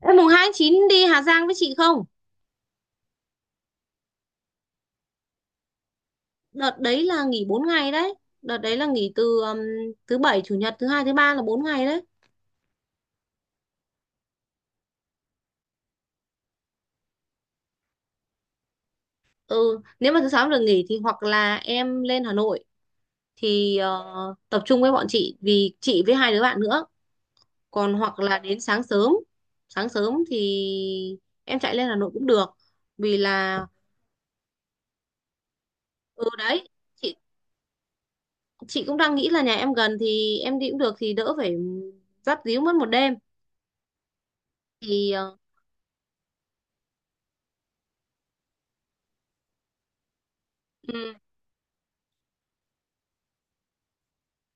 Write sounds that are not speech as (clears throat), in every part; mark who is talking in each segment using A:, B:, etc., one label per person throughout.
A: Em mùng 2 tháng 9 đi Hà Giang với chị không? Đợt đấy là nghỉ 4 ngày đấy. Đợt đấy là nghỉ từ thứ bảy, chủ nhật, thứ hai, thứ ba là 4 ngày đấy. Ừ, nếu mà thứ sáu được nghỉ thì hoặc là em lên Hà Nội thì tập trung với bọn chị vì chị với hai đứa bạn nữa. Còn hoặc là đến sáng sớm. Sáng sớm thì em chạy lên Hà Nội cũng được. Vì là ừ đấy, chị chị cũng đang nghĩ là nhà em gần thì em đi cũng được thì đỡ phải dắt díu mất một đêm. Thì ừ,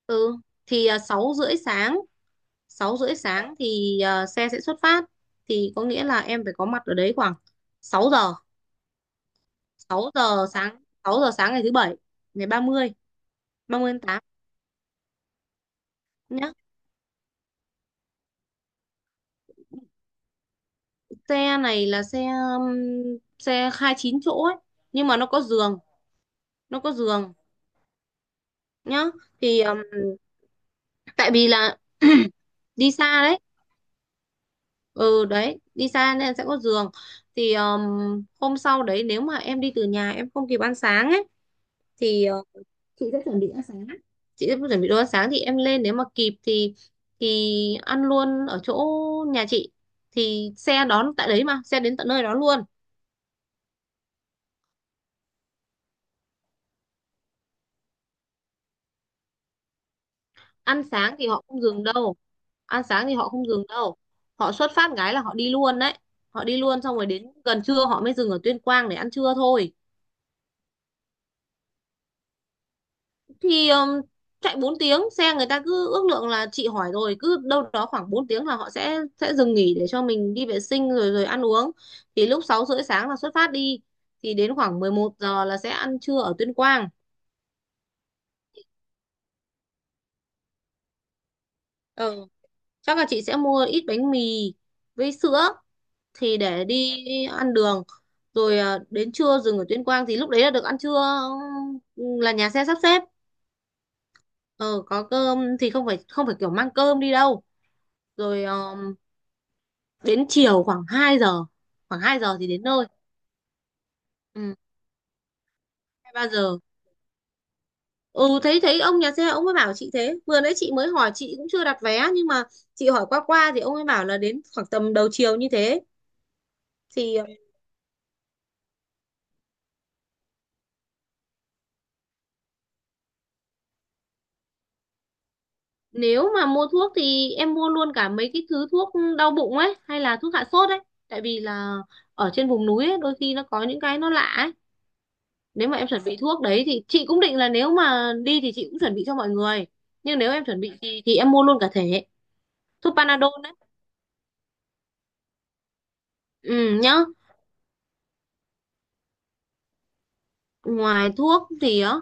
A: Ừ thì 6 rưỡi sáng, 6:30 sáng thì xe sẽ xuất phát, thì có nghĩa là em phải có mặt ở đấy khoảng 6 giờ, 6 giờ sáng, 6 giờ sáng ngày thứ bảy, ngày 30, 30 tháng 8 nhá. Xe này là xe um, xe 29 chỗ ấy nhưng mà nó có giường, nó có giường nhá. Thì tại vì là (clears throat) đi xa đấy, ừ đấy đi xa nên sẽ có giường. Thì hôm sau đấy nếu mà em đi từ nhà em không kịp ăn sáng ấy thì chị chuẩn bị đồ ăn sáng thì em lên nếu mà kịp thì ăn luôn ở chỗ nhà chị, thì xe đón tại đấy mà xe đến tận nơi đó luôn. Ăn sáng thì họ không dừng đâu, ăn sáng thì họ không dừng đâu, họ xuất phát cái là họ đi luôn đấy, họ đi luôn xong rồi đến gần trưa họ mới dừng ở Tuyên Quang để ăn trưa thôi. Thì chạy 4 tiếng xe, người ta cứ ước lượng, là chị hỏi rồi cứ đâu đó khoảng 4 tiếng là họ sẽ dừng nghỉ để cho mình đi vệ sinh rồi rồi ăn uống. Thì lúc 6:30 sáng là xuất phát đi thì đến khoảng 11 giờ là sẽ ăn trưa ở Tuyên Quang. Ừ. Chắc là chị sẽ mua ít bánh mì với sữa thì để đi ăn đường. Rồi đến trưa dừng ở Tuyên Quang thì lúc đấy là được ăn trưa, là nhà xe sắp xếp. Ờ có cơm thì không phải kiểu mang cơm đi đâu. Rồi đến chiều khoảng 2 giờ, khoảng 2 giờ thì đến nơi. Ừ, 2 3 giờ. Ừ thấy thấy ông nhà xe, ông ấy bảo chị, thế vừa nãy chị mới hỏi, chị cũng chưa đặt vé nhưng mà chị hỏi qua qua thì ông ấy bảo là đến khoảng tầm đầu chiều như thế. Thì nếu mà mua thuốc thì em mua luôn cả mấy cái thứ thuốc đau bụng ấy hay là thuốc hạ sốt ấy, tại vì là ở trên vùng núi ấy, đôi khi nó có những cái nó lạ ấy. Nếu mà em chuẩn bị thuốc đấy thì chị cũng định là nếu mà đi thì chị cũng chuẩn bị cho mọi người, nhưng nếu em chuẩn bị thì em mua luôn cả thể thuốc Panadol đấy. Ừ nhá, ngoài thuốc thì á,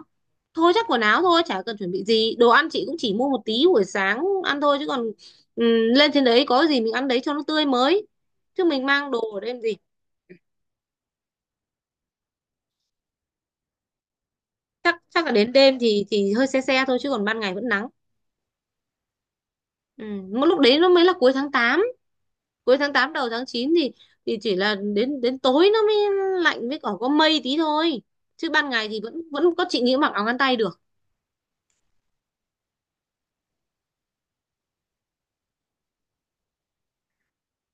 A: thôi chắc quần áo thôi, chả cần chuẩn bị gì. Đồ ăn chị cũng chỉ mua một tí buổi sáng ăn thôi chứ còn ừ, lên trên đấy có gì mình ăn đấy cho nó tươi mới. Chứ mình mang đồ ở đêm gì? Chắc chắc là đến đêm thì hơi se se thôi chứ còn ban ngày vẫn nắng. Ừ, một lúc đấy nó mới là cuối tháng 8 đầu tháng 9 thì chỉ là đến đến tối nó mới lạnh với còn có mây tí thôi. Chứ ban ngày thì vẫn vẫn có, chị nghĩ mặc áo ngắn tay được.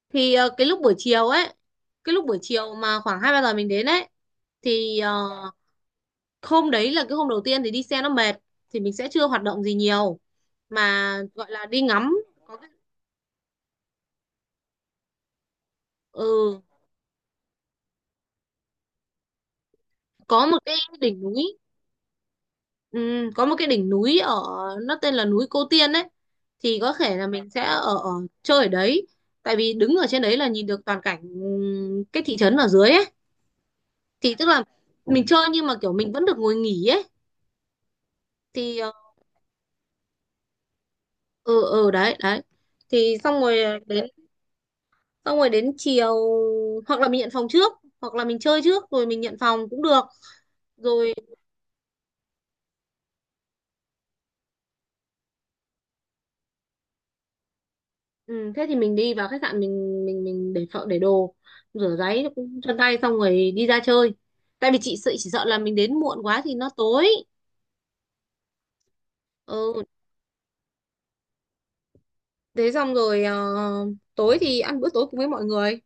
A: Thì cái lúc buổi chiều ấy, cái lúc buổi chiều mà khoảng 2 3 giờ mình đến ấy thì hôm đấy là cái hôm đầu tiên thì đi xe nó mệt thì mình sẽ chưa hoạt động gì nhiều mà gọi là đi ngắm. Có cái, ừ, có một cái đỉnh núi, ừ, có một cái đỉnh núi ở, nó tên là núi Cô Tiên ấy, thì có thể là mình sẽ ở, ở chơi ở đấy, tại vì đứng ở trên đấy là nhìn được toàn cảnh cái thị trấn ở dưới ấy. Thì tức là mình chơi nhưng mà kiểu mình vẫn được ngồi nghỉ ấy thì ừ, ừ đấy đấy. Thì xong rồi đến, xong rồi đến chiều hoặc là mình nhận phòng trước hoặc là mình chơi trước rồi mình nhận phòng cũng được. Rồi ừ, thế thì mình đi vào khách sạn, mình để phợ để đồ, rửa ráy chân tay xong rồi đi ra chơi, tại vì chị sợ, chỉ sợ là mình đến muộn quá thì nó tối. Ừ thế xong rồi tối thì ăn bữa tối cùng với mọi người.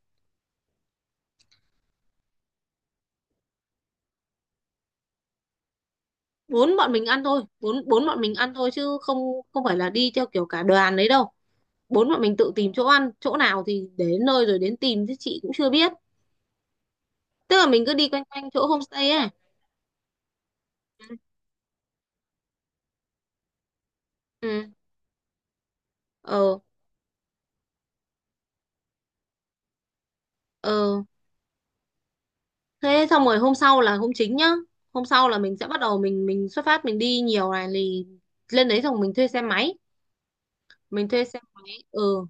A: Bốn bọn mình ăn thôi, bốn bốn bọn mình ăn thôi chứ không, không phải là đi theo kiểu cả đoàn đấy đâu. Bốn bọn mình tự tìm chỗ ăn, chỗ nào thì đến nơi rồi đến tìm chứ chị cũng chưa biết. Tức là mình cứ đi quanh quanh chỗ homestay ấy. Ừ ờ ờ, thế xong rồi hôm sau là hôm chính nhá. Hôm sau là mình sẽ bắt đầu mình xuất phát, mình đi nhiều này, thì lên đấy xong mình thuê xe máy, mình thuê xe máy ừ.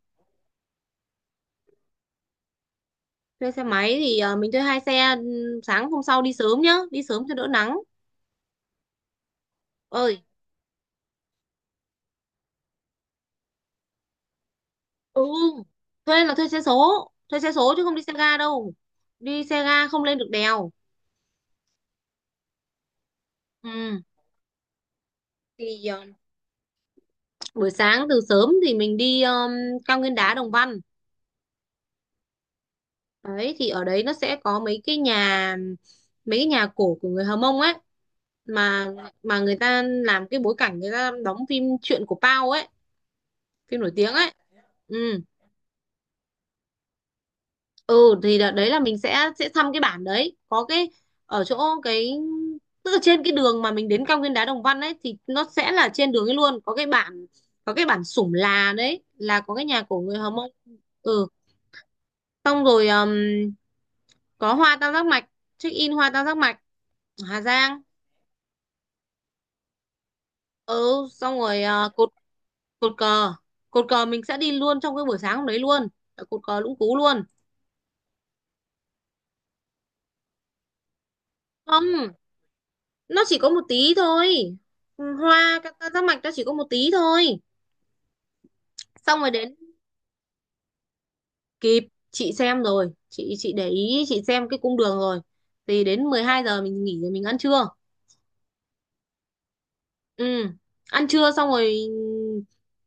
A: Thuê xe máy thì mình thuê 2 xe, ừ, sáng hôm sau đi sớm nhá, đi sớm cho đỡ nắng. Ơi ừ, thuê là thuê xe số, thuê xe số chứ không đi xe ga đâu, đi xe ga không lên được đèo. Ừ thì buổi sáng từ sớm thì mình đi cao nguyên đá Đồng Văn đấy. Thì ở đấy nó sẽ có mấy cái nhà, mấy cái nhà cổ của người Hờ Mông ấy, mà người ta làm cái bối cảnh, người ta đóng phim Chuyện của Pao ấy, phim nổi tiếng ấy. Ừ ừ thì đợt đấy là mình sẽ thăm cái bản đấy có cái, ở chỗ cái, tức là trên cái đường mà mình đến cao nguyên đá Đồng Văn ấy thì nó sẽ là trên đường ấy luôn có cái bản, có cái bản Sủng Là đấy, là có cái nhà cổ người Hờ Mông. Ừ xong rồi có hoa tam giác mạch, check in hoa tam giác mạch ở Hà Giang. Ừ xong rồi cột, cột cờ, cột cờ mình sẽ đi luôn trong cái buổi sáng hôm đấy luôn, ở cột cờ Lũng Cú luôn. Không, nó chỉ có một tí thôi, hoa các tam giác mạch nó chỉ có một tí thôi. Xong rồi đến kịp, chị xem rồi, chị để ý, chị xem cái cung đường rồi. Thì đến 12 giờ mình nghỉ rồi mình ăn trưa. Ừ, ăn trưa xong rồi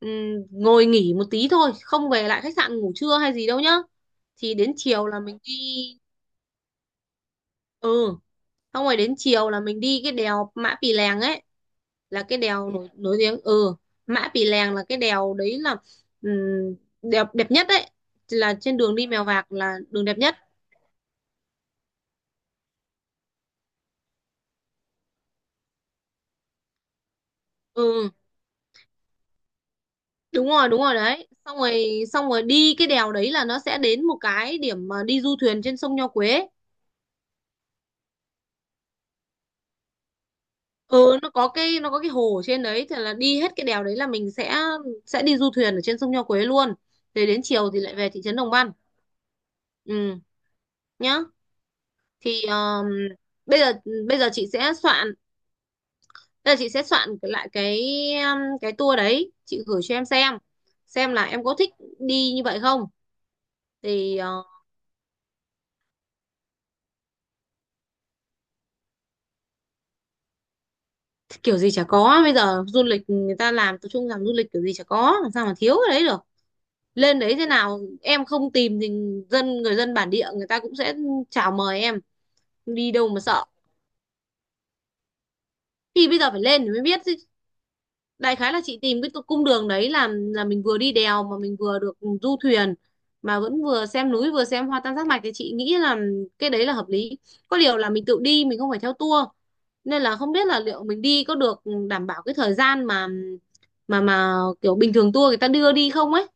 A: ừ, ngồi nghỉ một tí thôi, không về lại khách sạn ngủ trưa hay gì đâu nhá. Thì đến chiều là mình đi, ừ, xong rồi đến chiều là mình đi cái đèo Mã Pì Lèng ấy, là cái đèo nổi nổi tiếng, ừ, Mã Pì Lèng là cái đèo đấy là, ừ, đẹp đẹp nhất đấy, là trên đường đi Mèo Vạc là đường đẹp nhất. Ừ, đúng rồi đấy. Xong rồi đi cái đèo đấy là nó sẽ đến một cái điểm mà đi du thuyền trên sông Nho Quế. Ừ nó có cái, nó có cái hồ ở trên đấy, thì là đi hết cái đèo đấy là mình sẽ đi du thuyền ở trên sông Nho Quế luôn. Thế đến chiều thì lại về thị trấn Đồng Văn, ừ nhá. Thì bây giờ bây giờ chị sẽ soạn, bây giờ chị sẽ soạn lại cái tour đấy, chị gửi cho em xem là em có thích đi như vậy không. Thì kiểu gì chả có, bây giờ du lịch người ta làm tập trung, làm du lịch kiểu gì chả có, làm sao mà thiếu cái đấy được. Lên đấy thế nào em không tìm thì dân, người dân bản địa người ta cũng sẽ chào mời em, đi đâu mà sợ. Thì bây giờ phải lên thì mới biết chứ. Đại khái là chị tìm cái cung đường đấy là mình vừa đi đèo mà mình vừa được du thuyền, mà vẫn vừa xem núi vừa xem hoa tam giác mạch thì chị nghĩ là cái đấy là hợp lý. Có điều là mình tự đi, mình không phải theo tour, nên là không biết là liệu mình đi có được đảm bảo cái thời gian mà mà kiểu bình thường tour người ta đưa đi không ấy.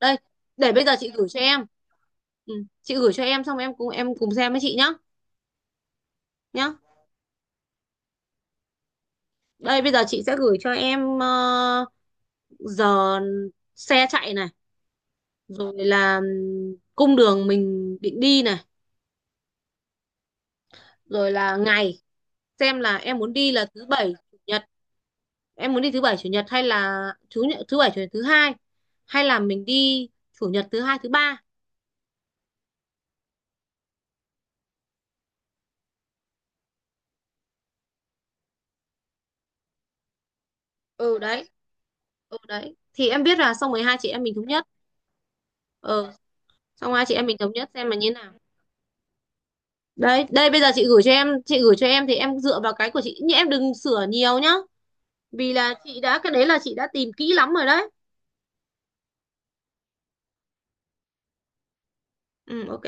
A: Đây, để bây giờ chị gửi cho em, ừ, chị gửi cho em xong em cùng xem với chị nhá, nhá. Đây bây giờ chị sẽ gửi cho em giờ xe chạy này, rồi là cung đường mình định đi này, rồi là ngày, xem là em muốn đi là thứ bảy chủ nhật, em muốn đi thứ bảy chủ nhật hay là thứ nhật, thứ bảy chủ nhật thứ hai, hay là mình đi chủ nhật thứ hai thứ ba. Ừ đấy, ừ đấy thì em biết, là xong rồi hai chị em mình thống nhất. Ừ xong hai chị em mình thống nhất xem là như thế nào. Đấy đây bây giờ chị gửi cho em, chị gửi cho em thì em dựa vào cái của chị nhưng em đừng sửa nhiều nhá, vì là chị đã, cái đấy là chị đã tìm kỹ lắm rồi đấy. Ừ ok.